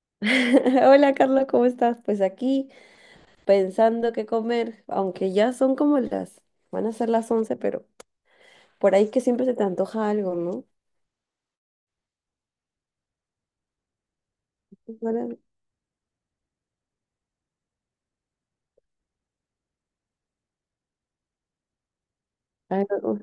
Hola Carlos, ¿cómo estás? Pues aquí pensando qué comer, aunque ya van a ser las 11, pero por ahí que siempre se te antoja algo, ¿no? Ahora. algo-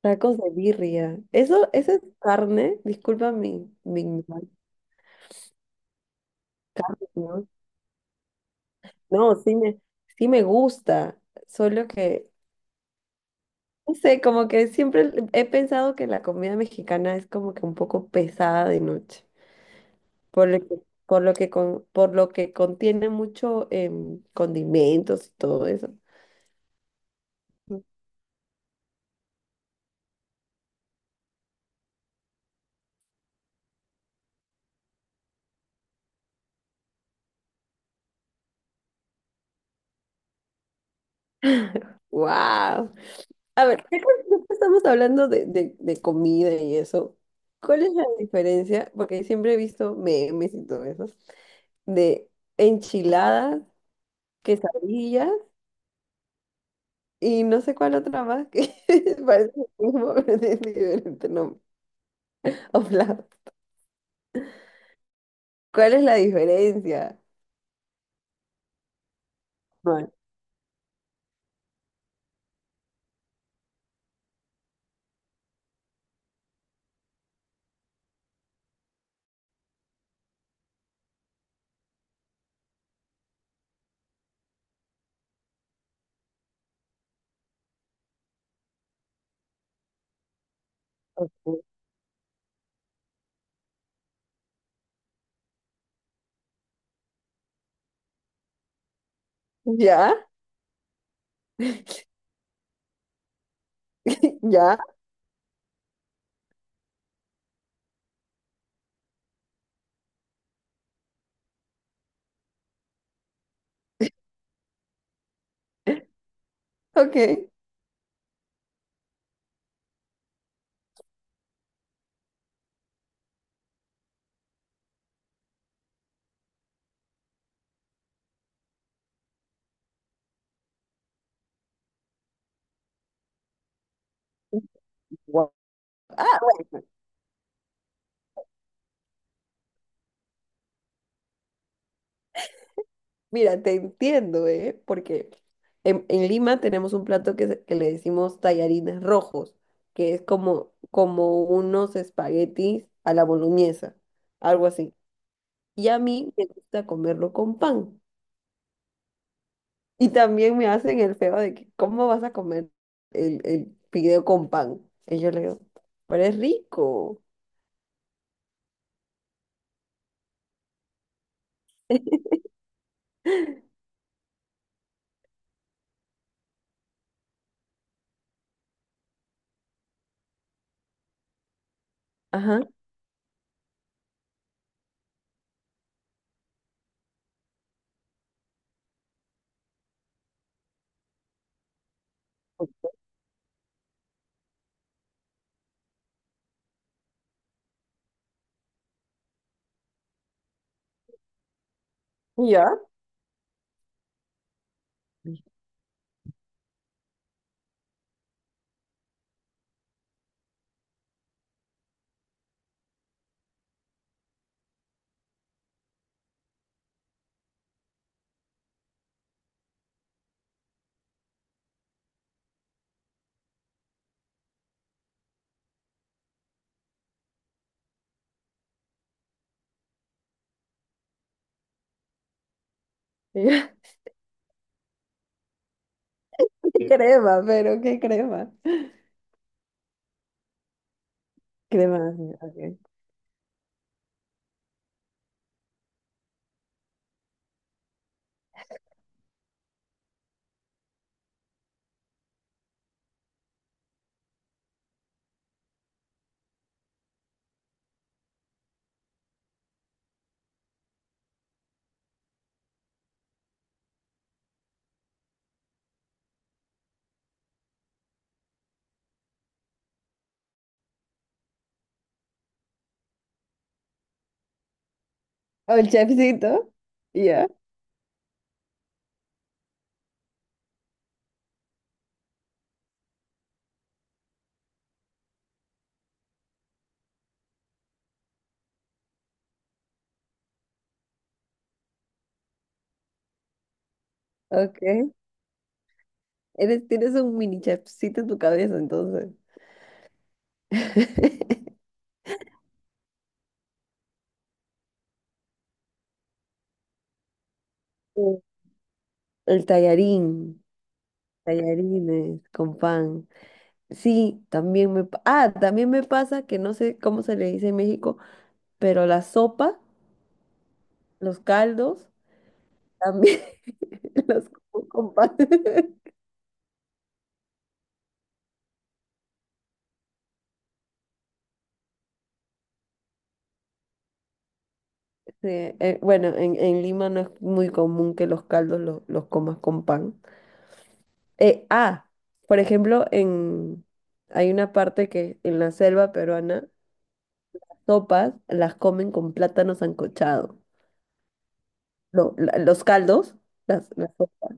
Tacos de birria. Eso es carne, disculpa mi ignorancia, carne, ¿no? No, sí me gusta, solo que, no sé, como que siempre he pensado que la comida mexicana es como que un poco pesada de noche. Por lo que, por lo que, con- por lo que contiene mucho condimentos y todo eso. Mm. Wow. A ver, ya que estamos hablando de comida y eso, ¿cuál es la diferencia? Porque siempre he visto memes y todo eso, de enchiladas, quesadillas y no sé cuál otra más que parece lo mismo, pero tiene diferente nombre. O plato. ¿Cuál es la diferencia? No. ¿Ya? ¿Ya? Ok. Guau. Ah, bueno, mira, te entiendo, ¿eh? Porque en Lima tenemos un plato que le decimos tallarines rojos, que es como, unos espaguetis a la boloñesa, algo así. Y a mí me gusta comerlo con pan. Y también me hacen el feo de que, ¿cómo vas a comer el fideo con pan? Y yo le digo, pero es rico. Ajá. Y ya y yo, ¿qué crema, pero qué crema? Crema, así, ok. O el chefcito. Y yo, ok. Tienes un mini chefcito en tu cabeza, entonces. Mm. El tallarín, tallarines con pan. Sí, también me pasa que no sé cómo se le dice en México, pero la sopa, los caldos, también los como con pan. Sí, bueno, en Lima no es muy común que los caldos los comas con pan. Ah, por ejemplo, hay una parte que en la selva peruana, sopas las comen con plátano sancochado. Lo- la- los caldos, las sopas.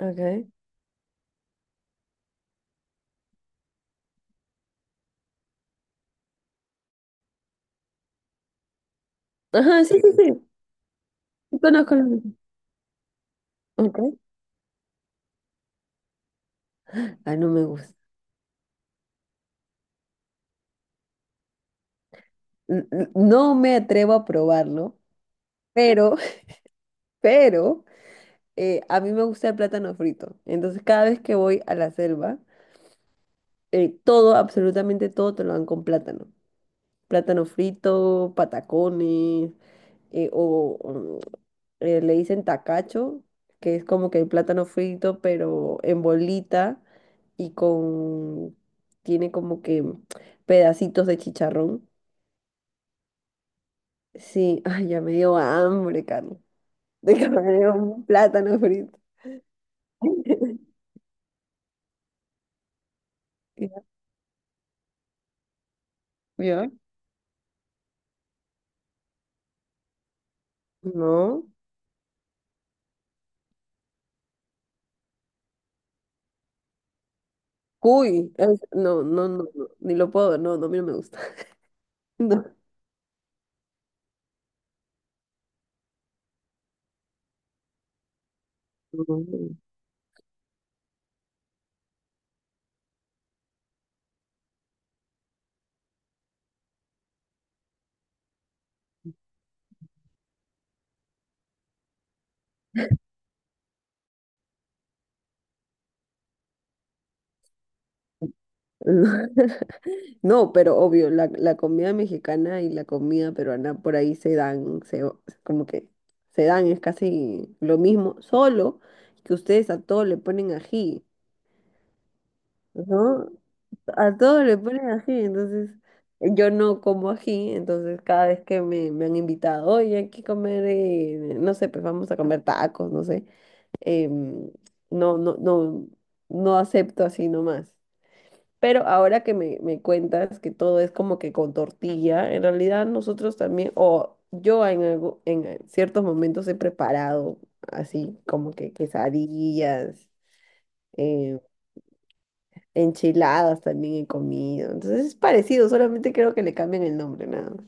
Okay. Ajá, sí, sí, sí. Sí, conozco lo mismo. Okay. Ay, no me gusta. No me atrevo a probarlo, pero, pero. A mí me gusta el plátano frito. Entonces, cada vez que voy a la selva, todo, absolutamente todo, te lo dan con plátano. Plátano frito, patacones, o le dicen tacacho, que es como que el plátano frito, pero en bolita y tiene como que pedacitos de chicharrón. Sí, ay, ya me dio hambre, Carlos. De que me dio un plátano frito. ¿Ya? ¿Ya? No. Cuy, no, no, no, no, ni lo puedo, no, no, a mí no me gusta. No, no, no. No, pero obvio, la comida mexicana y la comida peruana por ahí se dan, como que se dan, es casi lo mismo, solo que ustedes a todo le ponen ají, ¿no? A todo le ponen ají, entonces yo no como ají, entonces cada vez que me han invitado, oye, hay que comer, no sé, pues vamos a comer tacos, no sé. em, no, no, no, no acepto así nomás. Pero ahora que me cuentas que todo es como que con tortilla, en realidad nosotros también, o yo en ciertos momentos he preparado así como que quesadillas, eh, enchiladas también he comido. Entonces es parecido, solamente creo que le cambian el nombre, nada más.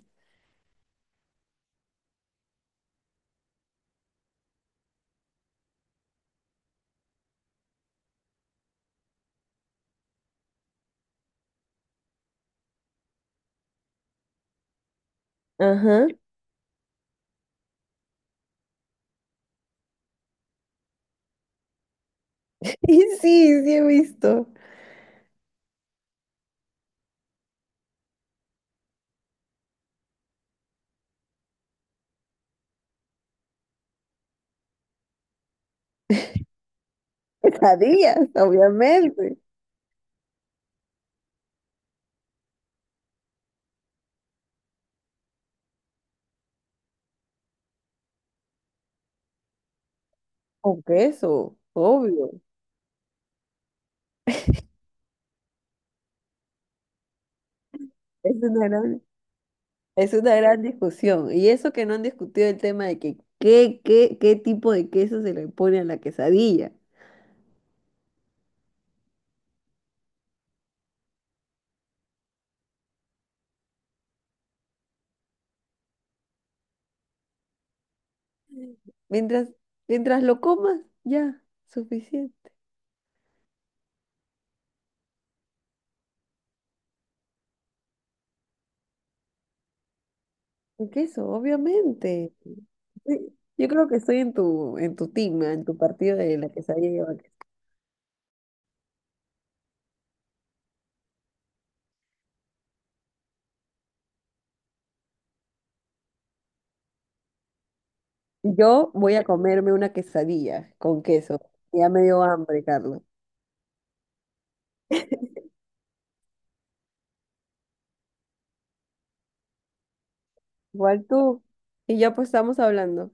Ajá. Y sí, sí he visto. Quesadillas, obviamente. Con queso, obvio. Es una gran Es una gran discusión. Y eso que no han discutido el tema de que qué tipo de queso se le pone a la quesadilla. Mientras, mientras lo comas, ya, suficiente. El queso, obviamente. Sí, yo creo que estoy en tu team, en tu partido de la quesadilla lleva queso. Yo voy a comerme una quesadilla con queso. Ya me dio hambre, Carlos. Igual tú. Y ya pues estamos hablando.